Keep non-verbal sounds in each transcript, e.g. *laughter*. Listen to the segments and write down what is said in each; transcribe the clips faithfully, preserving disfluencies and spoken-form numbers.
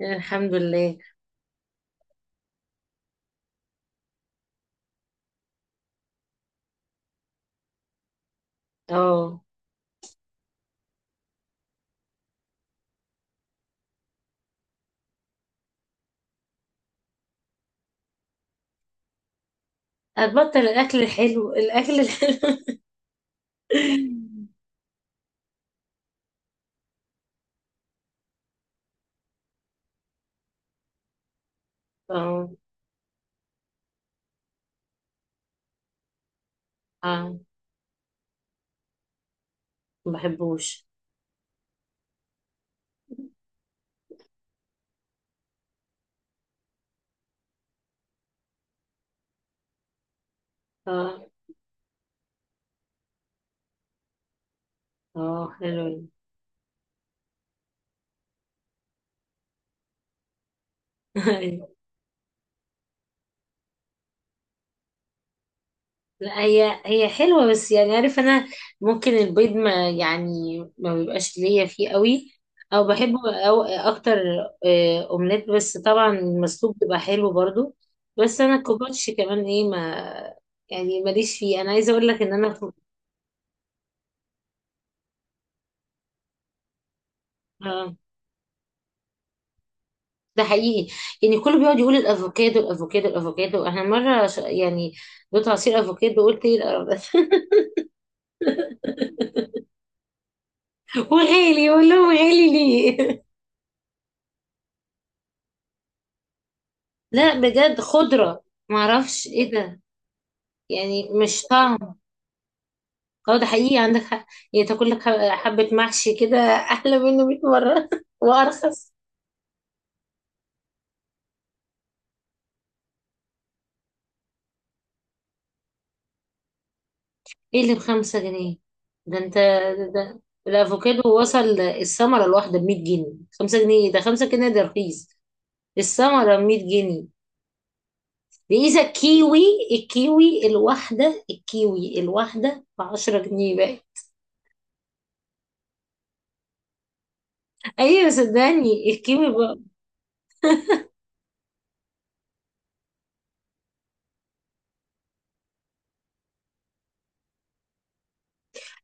الحمد لله. اه، هتبطل الاكل الحلو الاكل الحلو؟ *laughs* اه، اه، ما بحبوش. اه اه، حلو. *laughs* لا، هي هي حلوه، بس يعني عارف انا ممكن البيض ما يعني ما بيبقاش ليا فيه قوي، او بحبه او اكتر. آه، اومليت، بس طبعا المسلوق بيبقى حلو برضو. بس انا الكوباتش كمان ايه ما، يعني ماليش فيه. انا عايزه اقول لك ان انا. آه، ده حقيقي. يعني كله بيقعد يقول الافوكادو الافوكادو الافوكادو، احنا مره ش... يعني دوت عصير افوكادو، قلت ايه القرف ده. *laughs* وغالي، اقول لهم غالي ليه؟ *laughs* لا، بجد خضره، معرفش ايه ده، يعني مش طعم. اه، ده حقيقي، عندك حق. يعني تاكل لك ح- حبه محشي كده *laughs* احلى منه مية مره *laughs* وارخص. ايه اللي بخمسة جنيه؟ ده انت ده, ده. الافوكادو وصل الثمره الواحده ب مية جنيه. خمسة جنيه؟ إيه ده، خمسة جنيه ده رخيص. الثمره ب مية جنيه. بإذا كيوي، الكيوي الواحدة الكيوي الواحدة بعشرة جنيه بقى. أيوة، صدقني الكيوي بقى.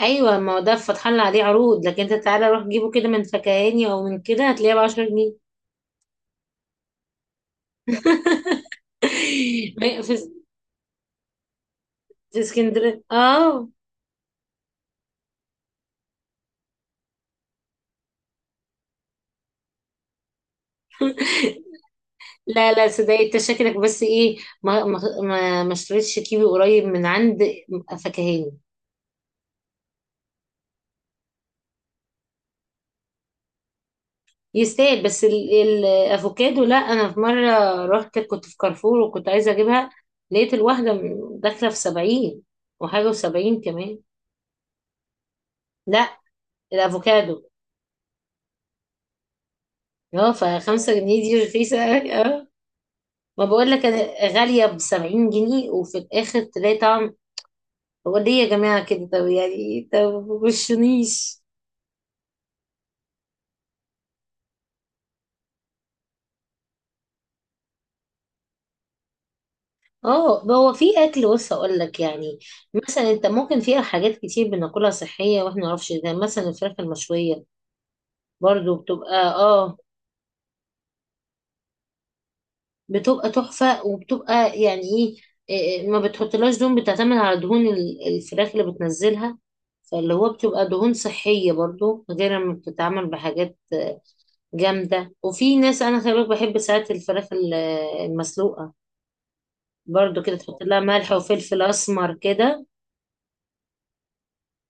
أيوة، ما هو ده فتح لنا عليه عروض، لكن أنت تعالى روح جيبه كده من فكهاني أو من كده هتلاقيه بعشرة جنيه. *laughs* ما- في في اسكندرية، اه. لا لا، صدقني، انت شكلك بس ايه. ما ما ما ما اشتريتش كيوي قريب من عند فكهاني. يستاهل، بس ال- الافوكادو لا. انا في مره رحت، كنت في كارفور وكنت عايزه اجيبها، لقيت الواحده م- داخله في سبعين وحاجه، وسبعين كمان. لا، الافوكادو. اه، فخمسة جنيه دي رخيصه أوي، اه. ما بقول لك انا غاليه بسبعين جنيه وفي الاخر تلاقي طعم. هو ليه يا جماعه كده؟ طب يعني طب، مبشونيش. اه، هو في اكل، بص اقول لك يعني، مثلا انت ممكن فيها حاجات كتير بناكلها صحيه واحنا ما نعرفش. ده مثلا الفراخ المشويه برضو بتبقى اه، بتبقى تحفة، وبتبقى يعني ايه، إيه، ما بتحطلهاش دهون، بتعتمد على دهون ال- الفراخ اللي بتنزلها، فاللي هو بتبقى دهون صحية برضو، غير لما بتتعمل بحاجات آه، جامدة. وفي ناس انا خلي بالك بحب ساعات الفراخ ال- المسلوقة، برضو كده تحط لها ملح وفلفل اسمر كده،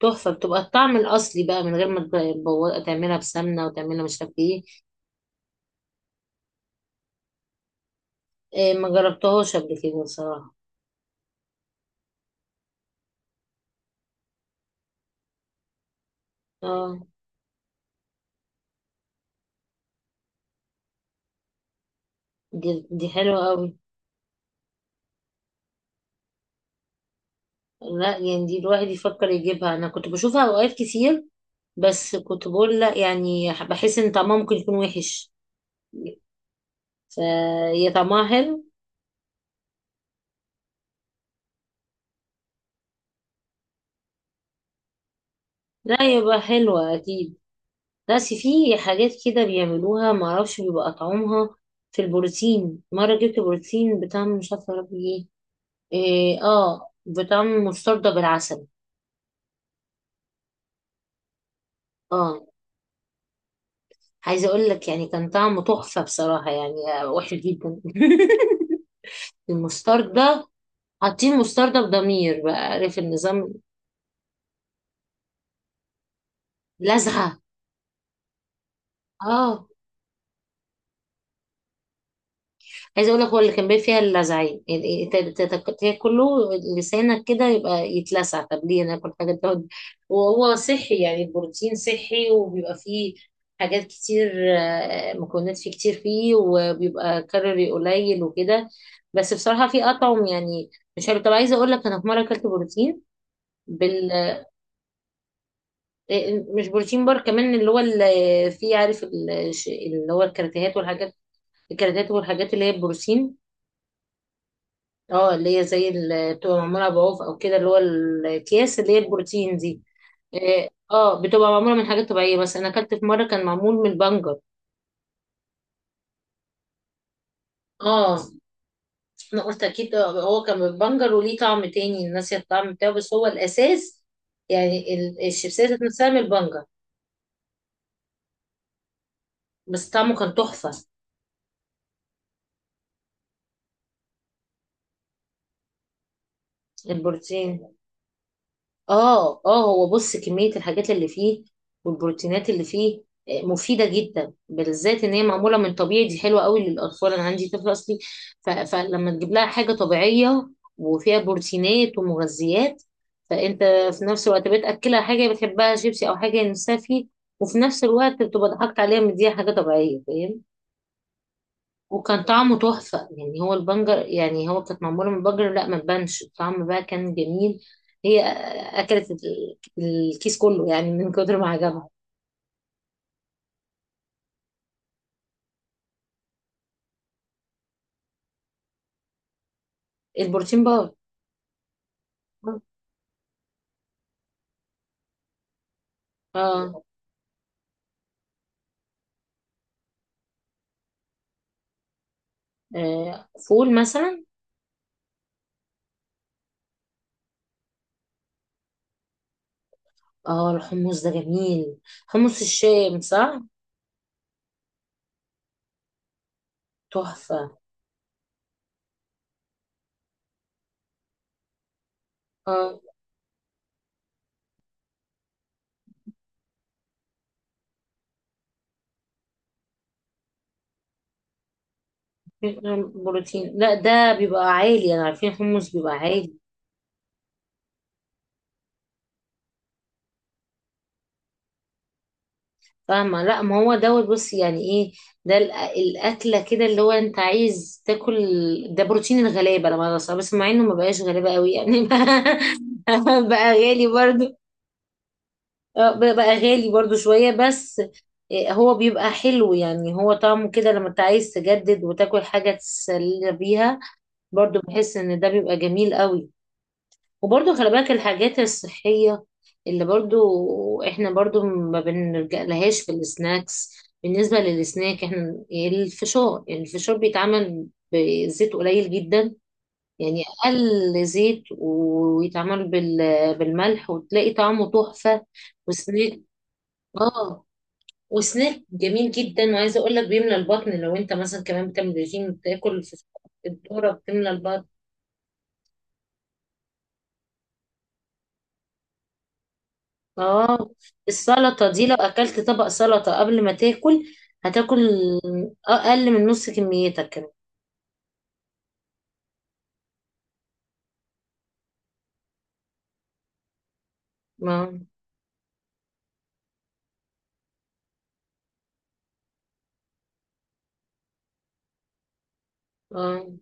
تحفة. بتبقى الطعم الأصلي بقى من غير ما تبو- تعملها بسمنة وتعملها مش عارف ايه. إيه، ما جربتهاش قبل كده بصراحة. اه، دي دي حلوة قوي. لا، يعني دي الواحد يفكر يجيبها، انا كنت بشوفها اوقات كتير، بس كنت بقول لا، يعني بحس ان طعمها ممكن يكون وحش، فهي طعمها حلو. لا، يبقى حلوة اكيد. بس في حاجات كده بيعملوها معرفش بيبقى طعمها، في البروتين مرة جبت بروتين بطعم مش عارفة يا ربي ايه، إيه، اه، بطعم مستردة بالعسل. اه، عايزة اقول لك يعني كان طعمه تحفة بصراحة يعني، آه، وحش جدا. *laughs* المستردة، حاطين مستردة بضمير بقى، عارف النظام؟ لزعة. اه، عايزه اقول لك هو اللي كان بيبقى فيها اللزعين، يعني إيه، ت- ت- تاكله لسانك كده يبقى يتلسع. طب ليه ناكل حاجه تقعد *laughs* وهو صحي؟ يعني البروتين صحي وبيبقى فيه حاجات كتير، آه، مكونات فيه كتير فيه وبيبقى كالوري قليل وكده. بس بصراحه في اطعم يعني، مش عارف. طب عايزه اقول لك انا في مره اكلت بروتين، مش بروتين بار، كمان اللي هو اللي فيه، عارف ال- ش- اللي هو الكراتيهات والحاجات، الكراتيهات والحاجات اللي هي البروتين. اه، اللي هي زي اللي بتبقى معمولة بعوف او كده، اللي هو الاكياس اللي هي البروتين دي. اه، آه، بتبقى معمولة من حاجات طبيعية، بس انا اكلت في مرة كان معمول من البنجر. اه، انا قلت اكيد هو كان من البنجر، وليه طعم تاني الناس، الطعم بتاعه بس هو الاساس، يعني ال- الشيبسيات نفسها من البنجر، بس طعمه كان تحفة. البروتين، اه اه، هو بص كمية الحاجات اللي فيه والبروتينات اللي فيه، آه، مفيدة جدا، بالذات ان هي معمولة من طبيعي. دي حلوة قوي للأطفال، انا عندي طفل اصلي، ف- فلما تجيب لها حاجة طبيعية وفيها بروتينات ومغذيات، فانت في نفس الوقت بتأكلها حاجة بتحبها شيبسي او حاجة نفسها فيه، وفي نفس الوقت بتبقى ضحكت عليها مديها حاجة طبيعية. وكان طعمه تحفة، يعني هو البنجر، يعني هو كانت معمولة من بنجر لا، ما تبانش الطعم بقى، كان جميل. هي أكلت ال- الكيس كله يعني من كتر ما عجبها. البروتين بار. اه، آه، فول مثلا. اه، الحمص ده جميل، حمص الشام صح. تحفة. اه، بروتين؟ لا، ده بيبقى عالي، انا عارفين حمص بيبقى عالي. فاهمة. لا، ما هو دوت بص يعني ايه، ده الأ- الأكلة كده اللي هو انت عايز تاكل، ده بروتين الغلابة لما بس بس مع انه ما بقاش غلابة قوي يعني *laughs* بقى, بقى غالي برضو. آه، بقى بقى غالي برضو شوية بس. آه، هو بيبقى حلو، يعني هو طعمه كده لما انت عايز تجدد وتاكل حاجة تسلي بيها، برضو بحس ان ده بيبقى جميل قوي. وبرضو خلي بالك الحاجات الصحية اللي برضو احنا برضو ما بنلجأ لهاش في السناكس. بالنسبة للسناك، احنا الفشار الفشار بيتعمل بزيت قليل جدا، يعني أقل زيت، ويتعمل بال- بالملح وتلاقي طعمه تحفة. وسناك اه، وسناك جميل جدا، وعايزة اقول لك بيملى البطن. لو انت مثلا كمان بتعمل ريجيم بتاكل الفشار، الذرة بتملى البطن. اه، السلطة دي لو اكلت طبق سلطة قبل ما تاكل هتاكل اقل من نص كميتك كمان. ما اه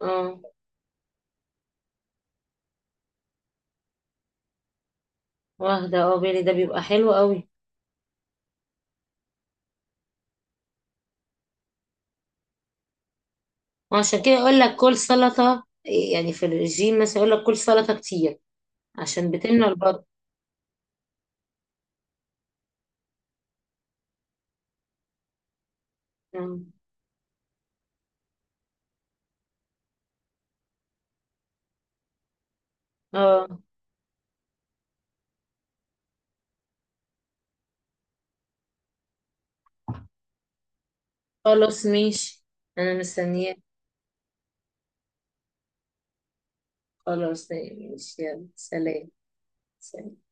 اه، واخدة اه بالي. ده بيبقى حلو قوي. وعشان كده اقول لك كل سلطة، يعني في الرجيم مثلا يقول لك كل سلطة كتير عشان بتمنع البطن. اه. آه. خلاص ماشي، انا مستنياك. خلاص ماشي، يلا سلام. سلام.